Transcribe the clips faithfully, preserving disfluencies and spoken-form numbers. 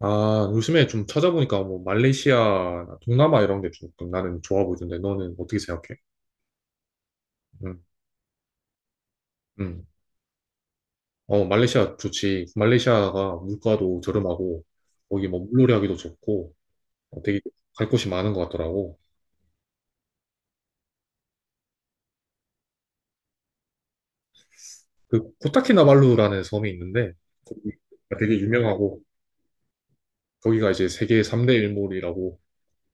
아, 요즘에 좀 찾아보니까 뭐 말레이시아나 동남아 이런 게 조금 나는 좋아 보이던데 너는 어떻게 생각해? 음, 음. 어, 말레이시아 좋지. 말레이시아가 물가도 저렴하고 거기 뭐 물놀이 하기도 좋고 어, 되게 갈 곳이 많은 것 같더라고. 그 코타키나발루라는 섬이 있는데 거기가 되게 유명하고 거기가 이제 세계 삼 대 일몰이라고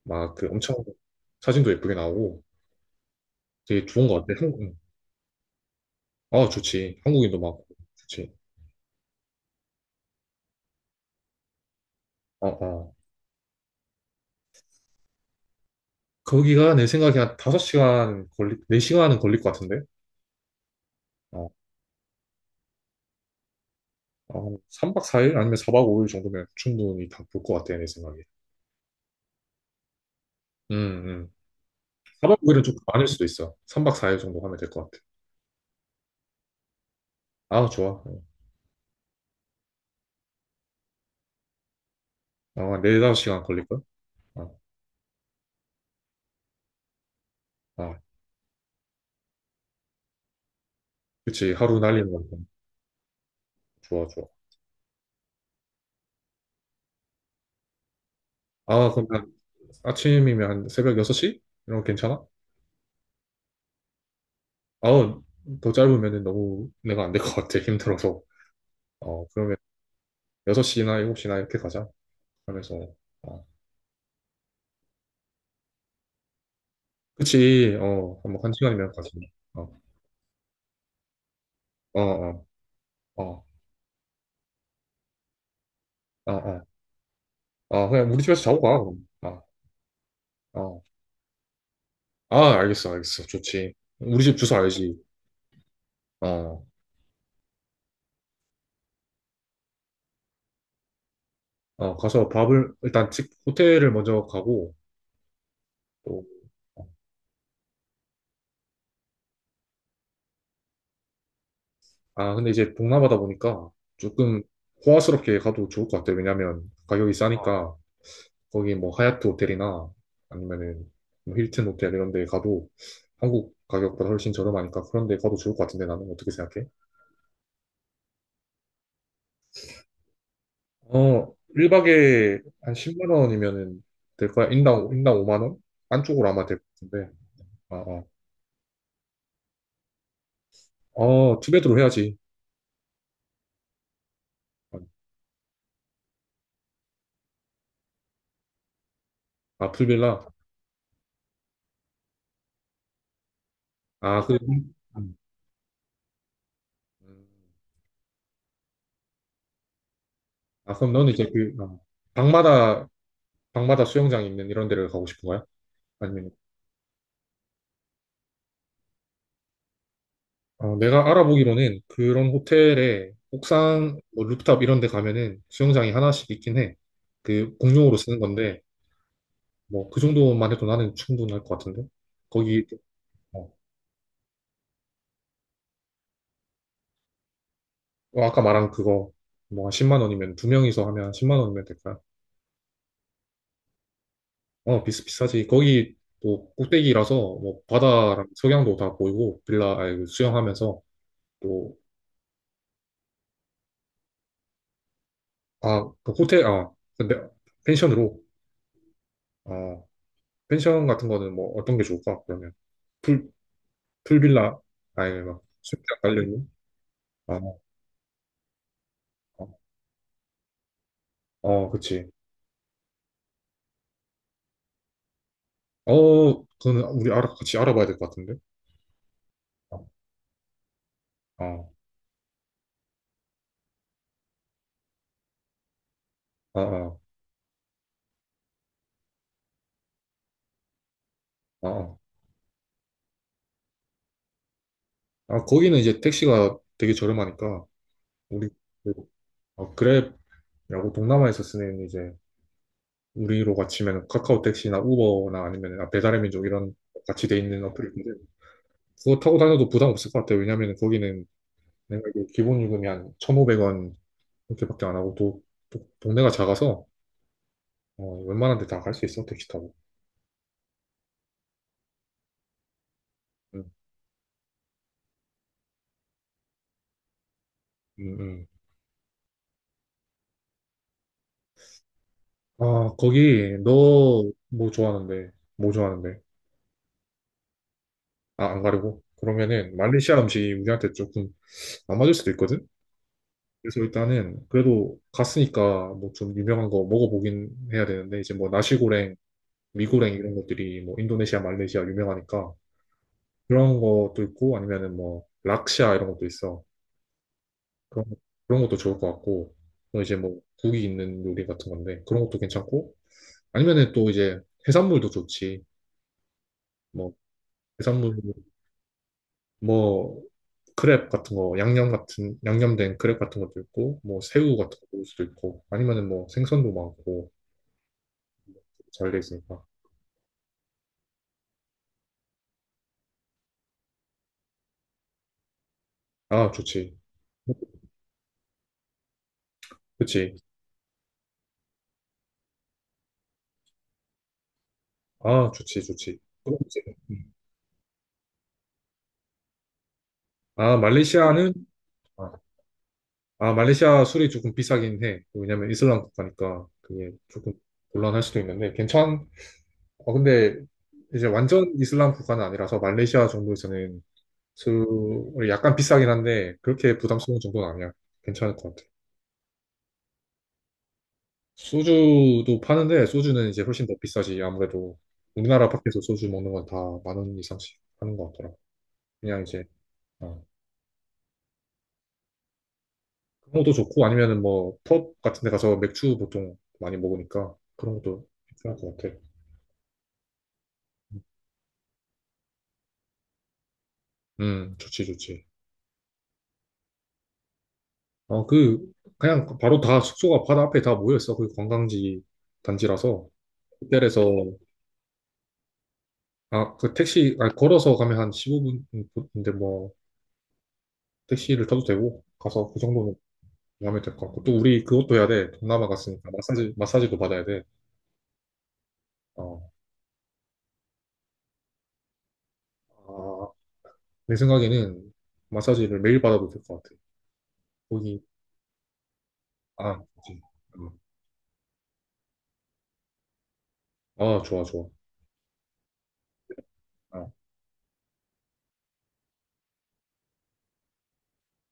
막 그 엄청 사진도 예쁘게 나오고 되게 좋은 것 같아. 한국, 음. 아, 좋지. 한국인도 많고 좋지. 어, 어. 거기가 내 생각에 한 다섯 시간 걸리, 네 시간은 걸릴 것 같은데? 어, 어, 삼 박 사 일 아니면 사 박 오 일 정도면 충분히 다 볼 것 같아, 내 생각에. 음, 음. 사 박 오 일은 좀 많을 수도 있어. 삼 박 사 일 정도 하면 될 것 같아. 아, 좋아. 아, 네, 다섯 시간 걸릴걸? 아, 아, 그치. 하루 날리는 건 좋아, 좋아. 아, 그럼 한 아침이면 한 새벽 여섯 시? 이런 거 괜찮아? 아우, 더 짧으면 너무 내가 안 될 것 같아. 힘들어서. 어, 그러면 여섯 시나 일곱 시나 이렇게 가자. 하면서. 그치, 어, 한번 한 시간이면 가지. 어, 어, 어, 어, 어, 어, 어, 그냥 우리 집에서 자고 가, 그럼. 어, 어. 아, 알겠어, 알겠어. 좋지. 우리 집 주소 알지? 어, 어, 가서 밥을, 일단 집, 호텔을 먼저 가고, 또, 어. 아, 근데 이제 동남아다 보니까 조금 호화스럽게 가도 좋을 것 같아. 왜냐면 가격이 어, 싸니까, 거기 뭐 하얏트 호텔이나 아니면은 뭐 힐튼 호텔 이런 데 가도 한국 가격보다 훨씬 저렴하니까 그런 데 가도 좋을 것 같은데 나는 어떻게 생각해? 어, 일 박에 한 십만 원이면은 될 거야? 인당, 인당 오만 원? 안쪽으로 아마 될 것 같은데. 아, 아. 어, 어, 투베드로 해야지. 아, 풀빌라. 아, 그, 음. 아, 그럼 너는 이제 그, 어, 방마다, 방마다 수영장 있는 이런 데를 가고 싶은 거야? 아니면, 어, 내가 알아보기로는 그런 호텔에 옥상, 뭐, 루프탑 이런 데 가면은 수영장이 하나씩 있긴 해. 그, 공용으로 쓰는 건데, 뭐, 그 정도만 해도 나는 충분할 것 같은데? 거기, 어, 어, 아까 말한 그거 뭐 한 십만 원이면 두 명이서 하면 십만 원이면 될까요? 어, 비슷비슷하지. 거기 또 꼭대기라서 뭐 바다랑 석양도 다 보이고 빌라 아니, 그 수영하면서 또. 아, 그 호텔, 아, 근데 펜션으로, 아, 펜션 같은 거는 뭐 어떤 게 좋을까 그러면, 풀 풀빌라, 아니, 막 수영장 깔려 있는. 아어 그치. 어, 그거는 우리 알아 같이 알아봐야 될 것 같은데. 어, 어, 어, 어, 어, 어. 아, 거기는 이제 택시가 되게 저렴하니까, 우리 그, 어, 그랩이라고 동남아에서 쓰는, 이제 우리로 같이면 카카오 택시나 우버나 아니면 아, 배달의 민족 이런 같이 돼 있는 어플인데, 그거 타고 다녀도 부담 없을 것 같아요. 왜냐하면 거기는 내가 이게 기본 요금이 한 천오백 원 이렇게밖에 안 하고, 또, 또 동네가 작아서 어, 웬만한 데 다 갈 수 있어 택시 타고. 음, 음, 음. 아, 거기 너 뭐 좋아하는데, 뭐 좋아하는데 아, 안 가려고 그러면은 말레이시아 음식이 우리한테 조금 안 맞을 수도 있거든. 그래서 일단은 그래도 갔으니까 뭐 좀 유명한 거 먹어보긴 해야 되는데, 이제 뭐 나시고랭, 미고랭 이런 것들이 뭐 인도네시아, 말레이시아 유명하니까 그런 것도 있고, 아니면은 뭐 락샤 이런 것도 있어. 그런 거- 그런 것도 좋을 것 같고, 또 이제 뭐 국이 있는 요리 같은 건데 그런 것도 괜찮고, 아니면은 또 이제 해산물도 좋지. 뭐 해산물, 뭐 크랩 같은 거, 양념 같은 양념된 크랩 같은 것도 있고, 뭐 새우 같은 것도 있을 수도 있고, 아니면은 뭐 생선도 많고 잘 돼 있으니까. 아, 좋지. 그치. 아, 좋지, 좋지. 그럼 이제, 음. 아, 말레이시아는, 아, 아, 말레이시아 술이 조금 비싸긴 해. 왜냐면 이슬람 국가니까 그게 조금 곤란할 수도 있는데, 괜찮, 어, 근데 이제 완전 이슬람 국가는 아니라서 말레이시아 정도에서는 술이 약간 비싸긴 한데, 그렇게 부담스러운 정도는 아니야. 괜찮을 것 같아. 소주도 파는데, 소주는 이제 훨씬 더 비싸지. 아무래도 우리나라 밖에서 소주 먹는 건 다 만 원 이상씩 하는 것 같더라. 그냥 이제, 어. 그런 것도 좋고, 아니면은 뭐 펍 같은 데 가서 맥주 보통 많이 먹으니까 그런 것도 괜찮을 것 같아. 음, 좋지, 좋지. 어, 그, 그냥 바로 다 숙소가 바다 앞에 다 모여있어. 그 관광지 단지라서. 호텔에서, 아, 그 택시, 아, 걸어서 가면 한 십오 분인데, 뭐, 택시를 타도 되고, 가서 그 정도는 하면 될 것 같고. 또 우리 그것도 해야 돼. 동남아 갔으니까 마사지, 마사지도 받아야 돼. 어, 아, 내 생각에는 마사지를 매일 받아도 될 것 같아. 거기, 아, 그치. 어. 아, 좋아, 좋아. 어,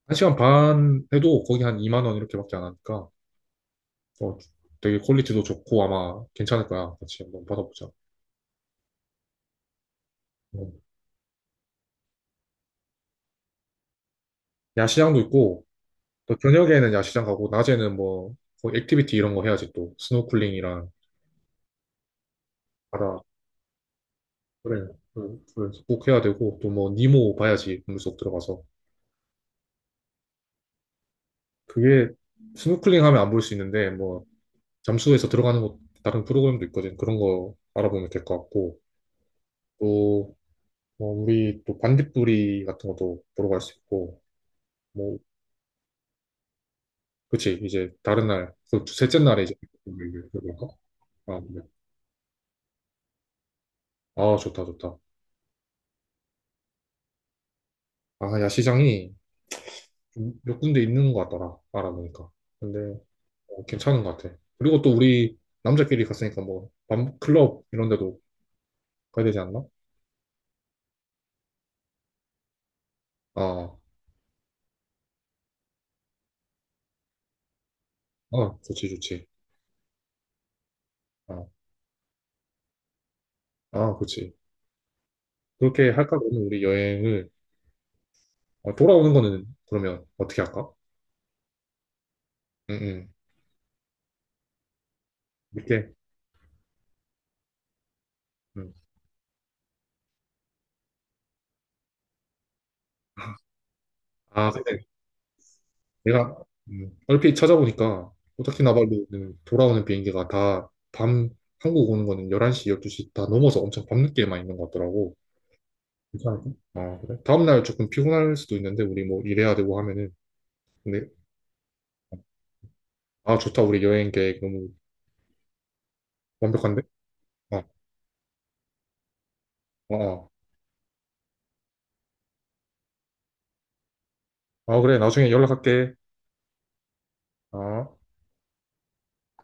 한 시간 반 해도 거기 한 이만 원 이렇게밖에 안 하니까 어, 되게 퀄리티도 좋고 아마 괜찮을 거야. 같이 한번 받아보자. 어. 야시장도 있고 또 저녁에는 야시장 가고 낮에는 뭐뭐 액티비티 이런 거 해야지, 또 스노클링이랑 바다. 그래, 그- 그래서 꼭 해야 되고, 또 뭐 니모 봐야지 물속 들어가서. 그게, 스노클링 하면 안 보일 수 있는데 뭐 잠수해서 들어가는 것, 다른 프로그램도 있거든. 그런 거 알아보면 될 것 같고, 또, 뭐 우리 또 반딧불이 같은 것도 보러 갈 수 있고, 뭐 그치. 이제 다른 날그 셋째 날에 이제. 그런가? 아, 네. 아, 좋다, 좋다. 아, 야시장이 좀몇 군데 있는 것 같더라, 알아보니까. 근데 어, 괜찮은 것 같아. 그리고 또 우리 남자끼리 갔으니까 뭐 밤클럽 이런 데도 가야 되지 않나? 아, 아, 좋지, 좋지. 아, 아, 그치. 그렇게 할까, 그러면? 우리 여행을, 어, 돌아오는 거는 그러면 어떻게 할까? 응응 이렇게. 음. 아, 내가, 음, 얼핏 찾아보니까 오타키나발루는 돌아오는 비행기가 다 밤, 한국 오는 거는 열한 시, 열두 시 다 넘어서 엄청 밤늦게만 있는 것 같더라고. 괜찮을까? 아, 그래? 다음날 조금 피곤할 수도 있는데 우리 뭐 일해야 되고 하면은, 근데. 아, 좋다. 우리 여행 계획 너무 완벽한데? 아, 아, 아. 아, 그래. 나중에 연락할게. 아.